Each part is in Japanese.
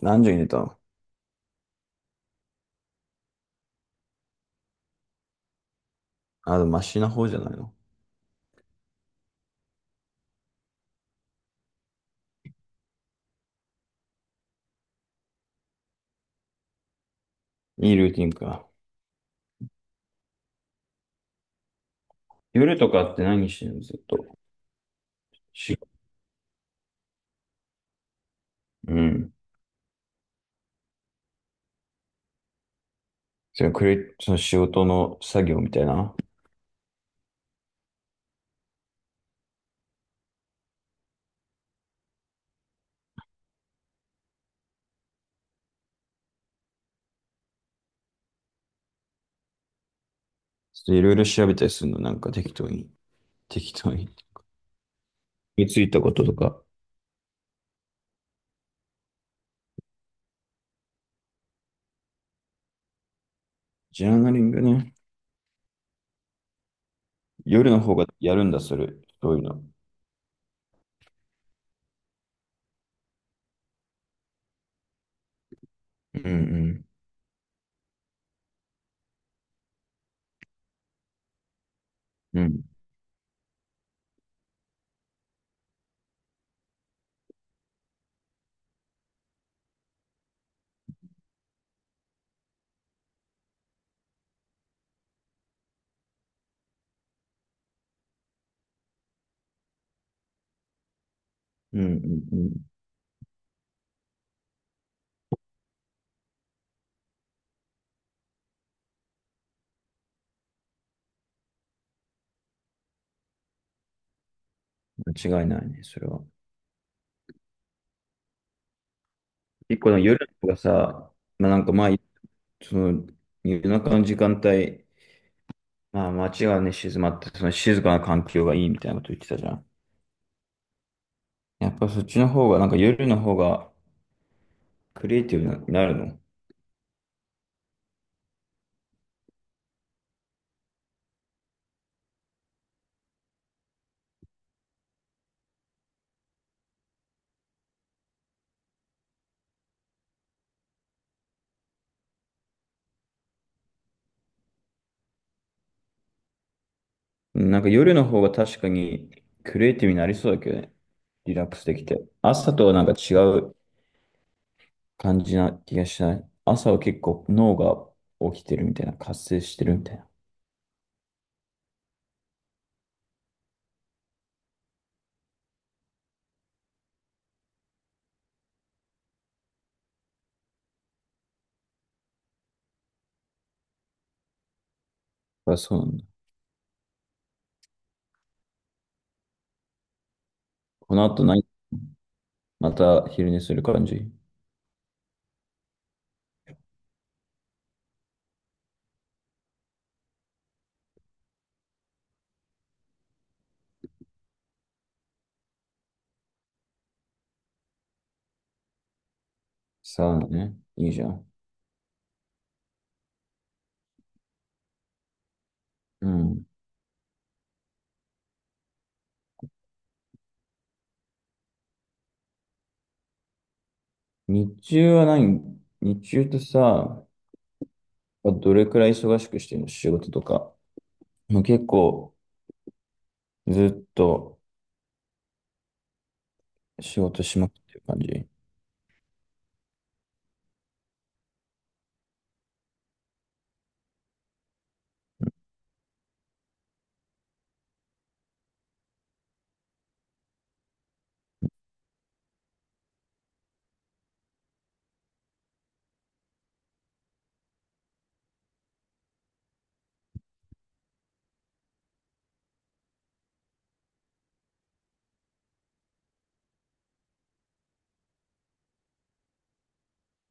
何時に寝たの？あ、でもマシな方じゃないの。いいルーティンか。夜とかって何してんのずっと？し、うん。そのクレ、その仕事の作業みたいな。ちょっといろいろ調べたりするの、なんか適当に。適当に。についたこととか。ジャーナリングね。夜の方がやるんだ、それ。そういうの。うんうん。うん。うんうんうん。間違いないね、それは。結構の夜の方がさ、まあ、その夜中の時間帯、まあ、街がね、静まって、その静かな環境がいいみたいなこと言ってたじゃん。やっぱそっちの方が、なんか夜の方がクリエイティブになるの？なんか夜の方が確かにクリエイティブになりそうだけどね。リラックスできて。朝とはなんか違う感じな気がしない？朝は結構脳が起きてるみたいな、活性してるみたいな。あ、そうなんだ。この後何、また昼寝する感じ？さあね。いいじゃん。うん。日中は何、日中とさ、まあどれくらい忙しくしてるの仕事とか。もう結構ずっと仕事しまくってる感じ？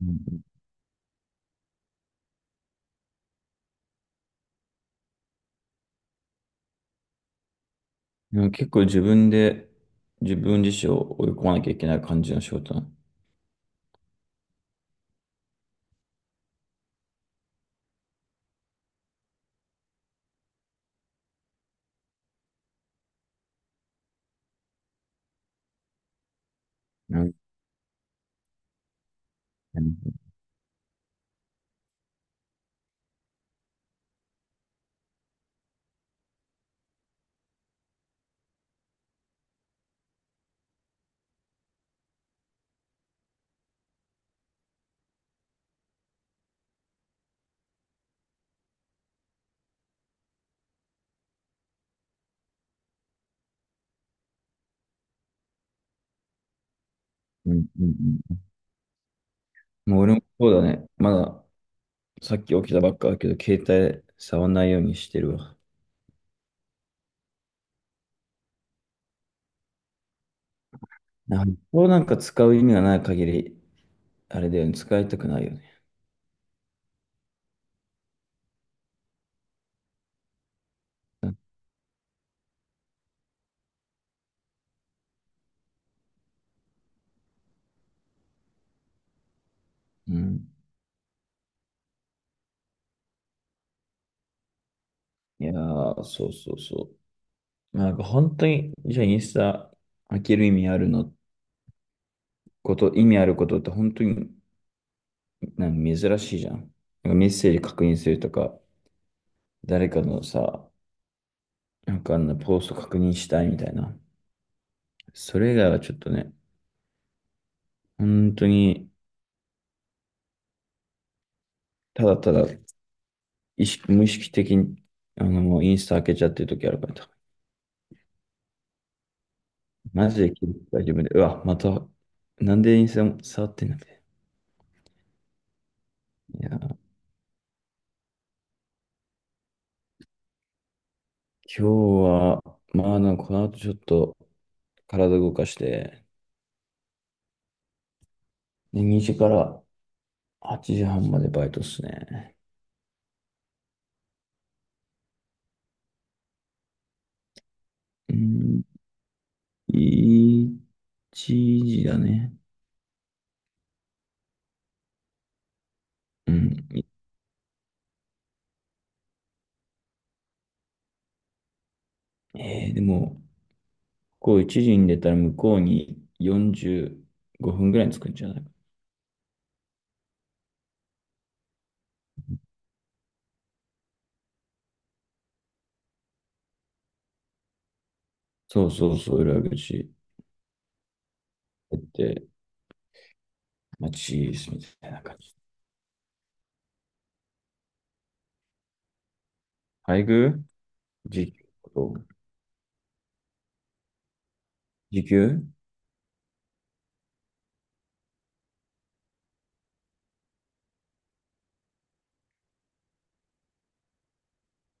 うん。なんか結構自分で、自分自身を追い込まなきゃいけない感じの仕事なの？うんうんうん。うん。もう俺もそうだね。まださっき起きたばっかだけど、携帯触んないようにしてるわ。なんかこうなんか使う意味がない限り、あれだよね、使いたくないよね。うん。いやー、そうそうそう。なんか本当に、じゃあインスタ開ける意味あるの？こと、意味あることって本当になんか珍しいじゃん。なんかメッセージ確認するとか、誰かのさ、なんかあのポスト確認したいみたいな。それ以外はちょっとね、本当にただただ意識、無意識的にあのもうインスタ開けちゃってる時あるから、マジで気づく自分で、うわ、また、なんでインスタ触ってんだい？いや今日は、まあなんかこの後ちょっと体動かして、で、2時から8時半までバイトっすね。うん、1時だね。うん。えー、でも、ここ1時に出たら向こうに45分ぐらいに着くんじゃないか？そうそうそう、裏口行って、まあ、チーズみたいな感じ。配偶？時給、時給、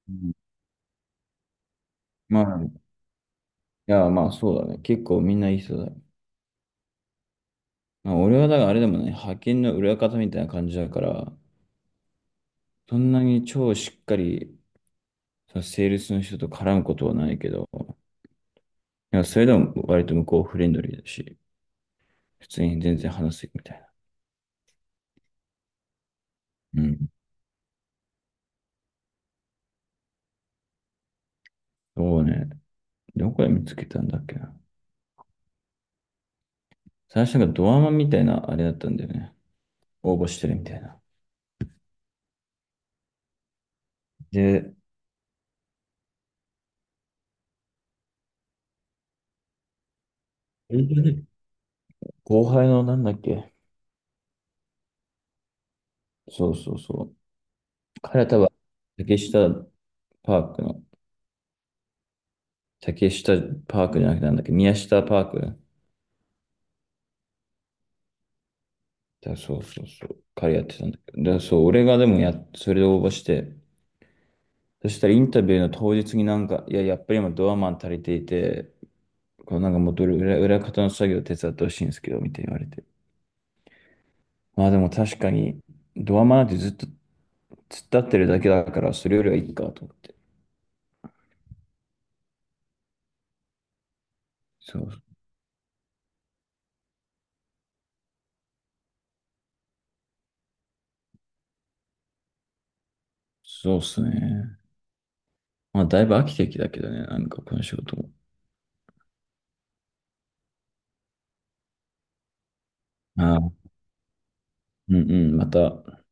うん、まあ、いや、まあそうだね。結構みんないい人だよ。まあ、俺はだからあれでもね、派遣の裏方みたいな感じだから、そんなに超しっかり、そのセールスの人と絡むことはないけど、いや、それでも割と向こうフレンドリーだし、普通に全然話すみたいな。うん。そうね。どこで見つけたんだっけな。最初がドアマンみたいなあれだったんだよね。応募してるみたいな。で、後輩のなんだっけ。そうそうそう。彼は多分、竹下パークの、竹下パークじゃなくてなんだっけ、宮下パーク。だそうそうそう。彼やってたんだけど。だそう、俺がでもや、それで応募して、そしたらインタビューの当日になんか、いや、やっぱり今ドアマン足りていて、こうなんかもっと裏方の作業手伝ってほしいんですけど、みたいに言われて。まあでも確かに、ドアマなんてずっと突っ立ってるだけだから、それよりはいいかと思って。そう、そうっすね。まあだいぶ飽きてきたけどね、なんかこの仕事も。ああ、うんうん、また